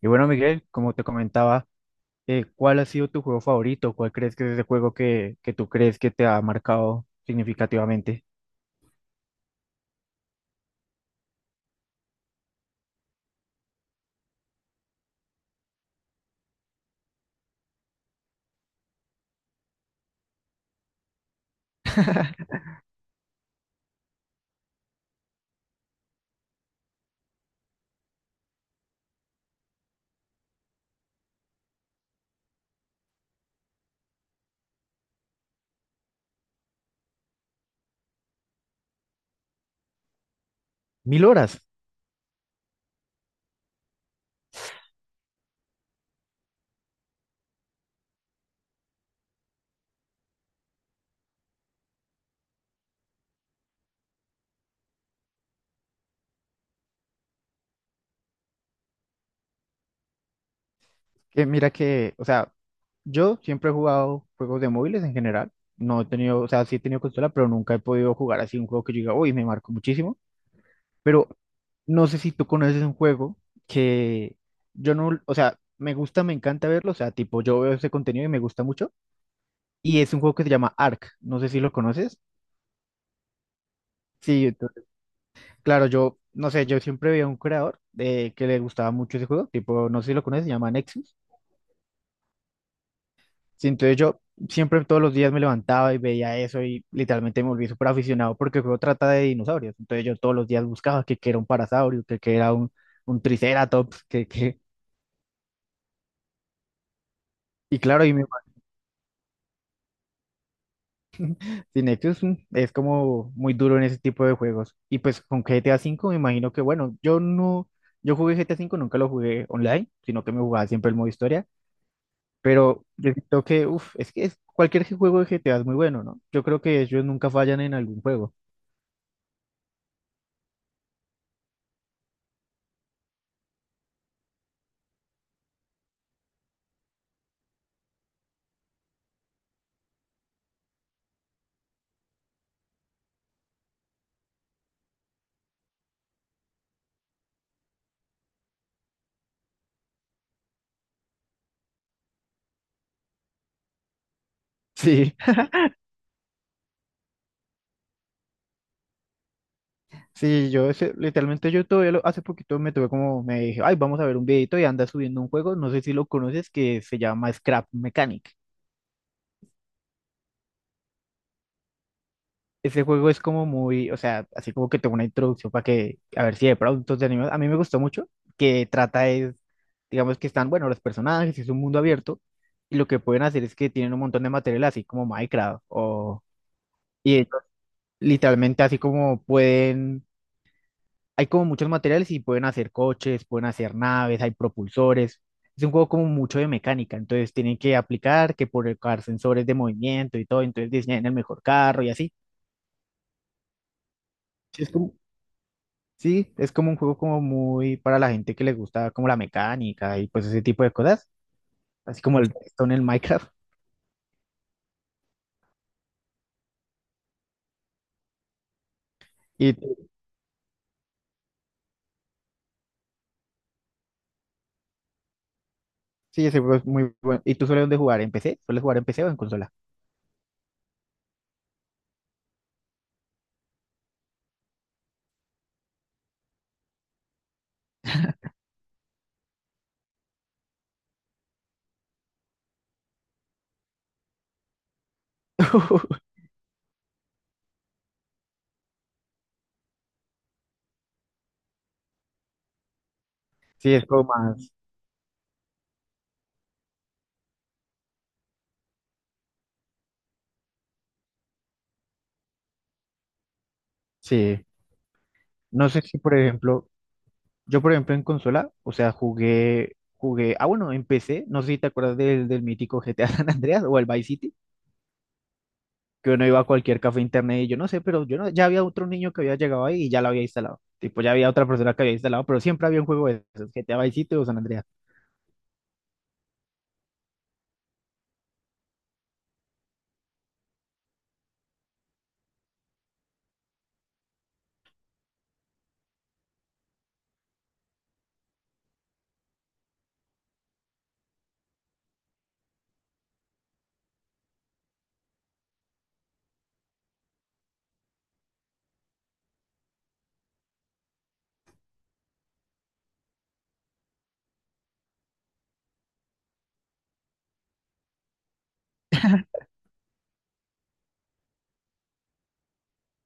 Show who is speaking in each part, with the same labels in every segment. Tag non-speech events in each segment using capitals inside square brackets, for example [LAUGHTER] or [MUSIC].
Speaker 1: Y bueno, Miguel, como te comentaba, ¿cuál ha sido tu juego favorito? ¿Cuál crees que es ese juego que tú crees que te ha marcado significativamente? 1.000 horas. Que mira que, o sea, yo siempre he jugado juegos de móviles en general. No he tenido, o sea, sí he tenido consola, pero nunca he podido jugar así un juego que yo diga, uy, me marcó muchísimo. Pero no sé si tú conoces un juego que yo no, o sea, me gusta, me encanta verlo. O sea, tipo, yo veo ese contenido y me gusta mucho. Y es un juego que se llama Ark. No sé si lo conoces. Sí, claro, yo, no sé, yo siempre veía un creador de, que le gustaba mucho ese juego, tipo, no sé si lo conoces, se llama Nexus. Sí, entonces yo siempre todos los días me levantaba y veía eso y literalmente me volví súper aficionado porque el juego trata de dinosaurios. Entonces yo todos los días buscaba que era un parasaurio, que era un triceratops, que... Y claro, y me imagino que Nexus es como muy duro en ese tipo de juegos. Y pues con GTA V me imagino que, bueno, yo no, yo jugué GTA V, nunca lo jugué online, sino que me jugaba siempre el modo historia. Pero yo creo que, uff, es que cualquier juego de GTA es muy bueno, ¿no? Yo creo que ellos nunca fallan en algún juego. Sí, [LAUGHS] sí, yo literalmente yo todavía hace poquito me dije, ay, vamos a ver un videito y anda subiendo un juego, no sé si lo conoces, que se llama Scrap Mechanic. Ese juego es como muy, o sea, así como que tengo una introducción para que, a ver si de pronto te animas. A mí me gustó mucho, que trata es, digamos que están, bueno, los personajes, es un mundo abierto, y lo que pueden hacer es que tienen un montón de material así como Minecraft o... Literalmente, así como pueden, hay como muchos materiales y pueden hacer coches, pueden hacer naves, hay propulsores. Es un juego como mucho de mecánica, entonces tienen que aplicar que por colocar sensores de movimiento y todo, entonces diseñan el mejor carro y así. Sí, es como, sí, es como un juego como muy para la gente que le gusta como la mecánica y pues ese tipo de cosas, así como el Redstone en el Minecraft. [LAUGHS] Y sí, ese juego es muy bueno. ¿Y tú sueles dónde jugar? ¿En PC? ¿Sueles jugar en PC o en consola? [LAUGHS] Sí, es como más, sí. No sé si, por ejemplo, yo, por ejemplo, en consola, o sea, jugué, ah, bueno, en empecé, no sé si te acuerdas del mítico GTA [LAUGHS] San Andreas o el Vice City, que uno iba a cualquier café internet y yo no sé, pero yo no, ya había otro niño que había llegado ahí y ya lo había instalado. Tipo, ya había otra persona que había instalado, pero siempre había un juego de esos, GTA Vice City o San Andreas.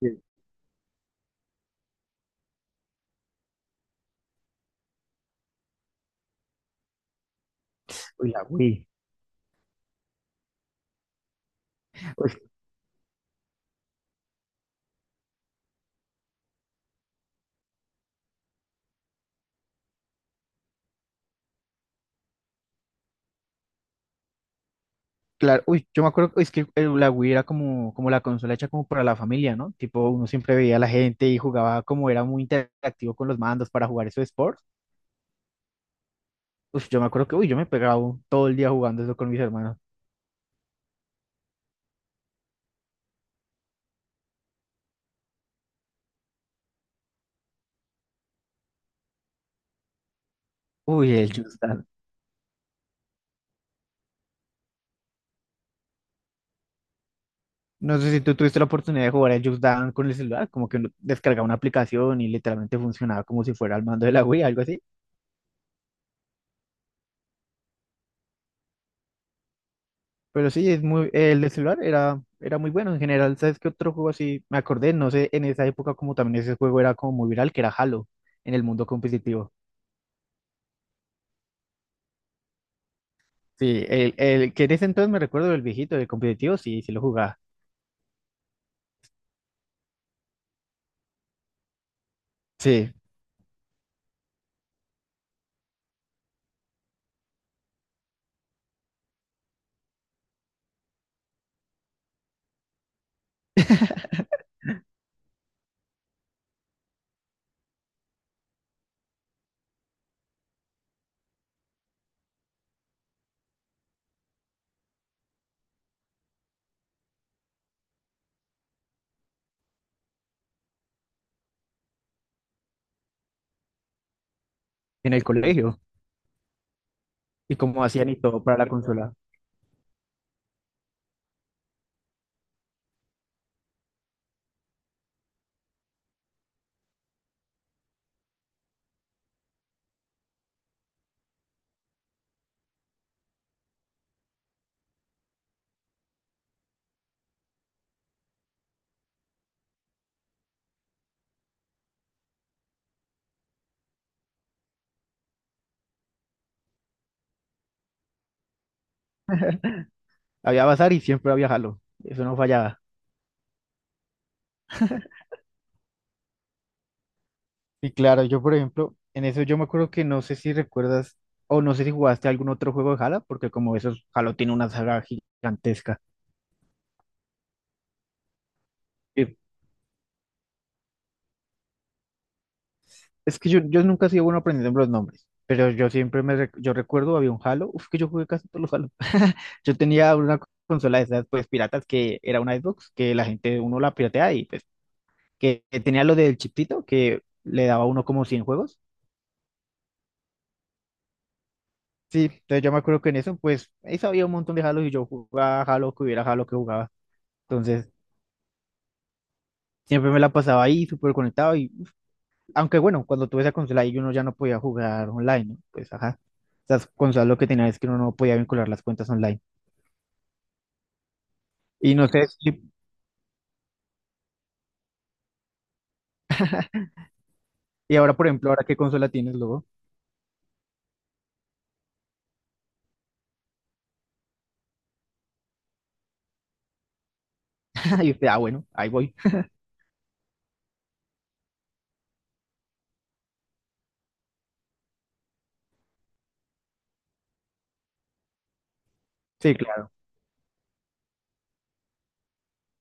Speaker 1: Sí. Uy, la Wii. Uy, claro, uy, yo me acuerdo, es que la Wii era como, como la consola hecha como para la familia, ¿no? Tipo, uno siempre veía a la gente y jugaba como era muy interactivo con los mandos para jugar esos sports. Uf, yo me acuerdo que, uy, yo me pegaba todo el día jugando eso con mis hermanos. Uy, el Just Dance. No sé si tú tuviste la oportunidad de jugar el Just Dance con el celular, como que uno descargaba una aplicación y literalmente funcionaba como si fuera el mando de la Wii, algo así. Pero sí, es muy, el de celular era muy bueno en general. ¿Sabes qué otro juego así? Me acordé, no sé, en esa época como también ese juego era como muy viral, que era Halo en el mundo competitivo. Sí, el que en ese entonces me recuerdo del viejito, del competitivo, sí, sí lo jugaba. Sí, [LAUGHS] en el colegio. Y como hacían y todo para la consola. Había bazar y siempre había jalo. Eso no fallaba. Y claro, yo por ejemplo, en eso yo me acuerdo que no sé si recuerdas o no sé si jugaste algún otro juego de Jala, porque como esos Halo tiene una saga gigantesca. Eh, Es que yo nunca he sido bueno aprendiendo los nombres, pero yo siempre yo recuerdo había un Halo, uf, que yo jugué casi todos los Halo. [LAUGHS] Yo tenía una consola de esas pues piratas que era una Xbox, que la gente uno la piratea y pues que tenía lo del chiptito que le daba a uno como 100 juegos. Sí, entonces yo me acuerdo que en eso, pues, ahí sabía un montón de Halo y yo jugaba Halo, que hubiera Halo que jugaba. Entonces, siempre me la pasaba ahí, súper conectado. Y aunque bueno, cuando tuve esa consola ahí, uno ya no podía jugar online, ¿no? Pues, ajá. Esas consolas lo que tenía es que uno no podía vincular las cuentas online. Y no sé si, y ahora, por ejemplo, ahora qué consola tienes luego. [LAUGHS] Y usted, ah, bueno, ahí voy. Sí, claro,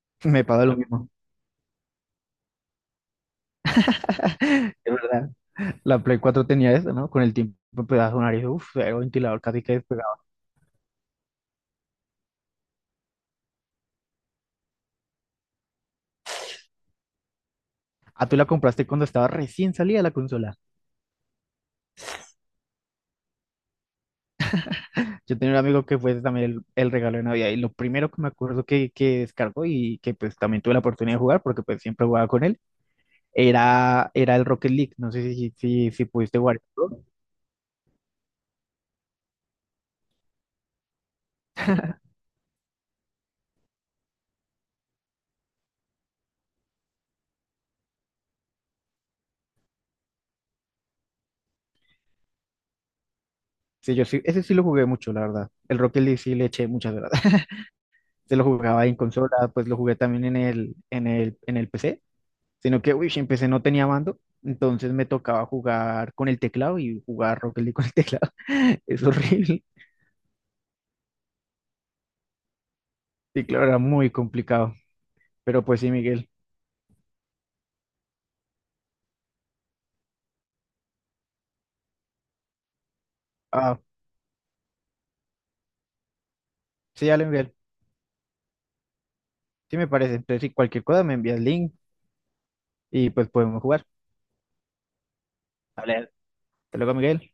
Speaker 1: [LAUGHS] me pasa lo mismo. Es verdad. La Play cuatro tenía eso, ¿no? Con el tiempo empezaba a sonar y uff, era un ventilador casi que despegaba. Ah, tú la compraste cuando estaba recién salida la consola. Yo tenía un amigo que fue también el regalo de Navidad y lo primero que me acuerdo que descargó y que pues también tuve la oportunidad de jugar porque pues siempre jugaba con él era, era el Rocket League. No sé si pudiste jugar. Sí, yo sí, ese sí lo jugué mucho, la verdad. El Rocket League sí le eché muchas horas. [LAUGHS] Se lo jugaba en consola, pues lo jugué también en el PC, sino que, uy, en PC no tenía mando, entonces me tocaba jugar con el teclado y jugar Rocket League con el [LAUGHS] teclado. Es horrible. Y claro, era muy complicado. Pero pues sí, Miguel. Ah. Sí, ya lo envié. Sí, me parece. Entonces, si cualquier cosa me envías link y pues podemos jugar. Vale. Hasta luego, Miguel.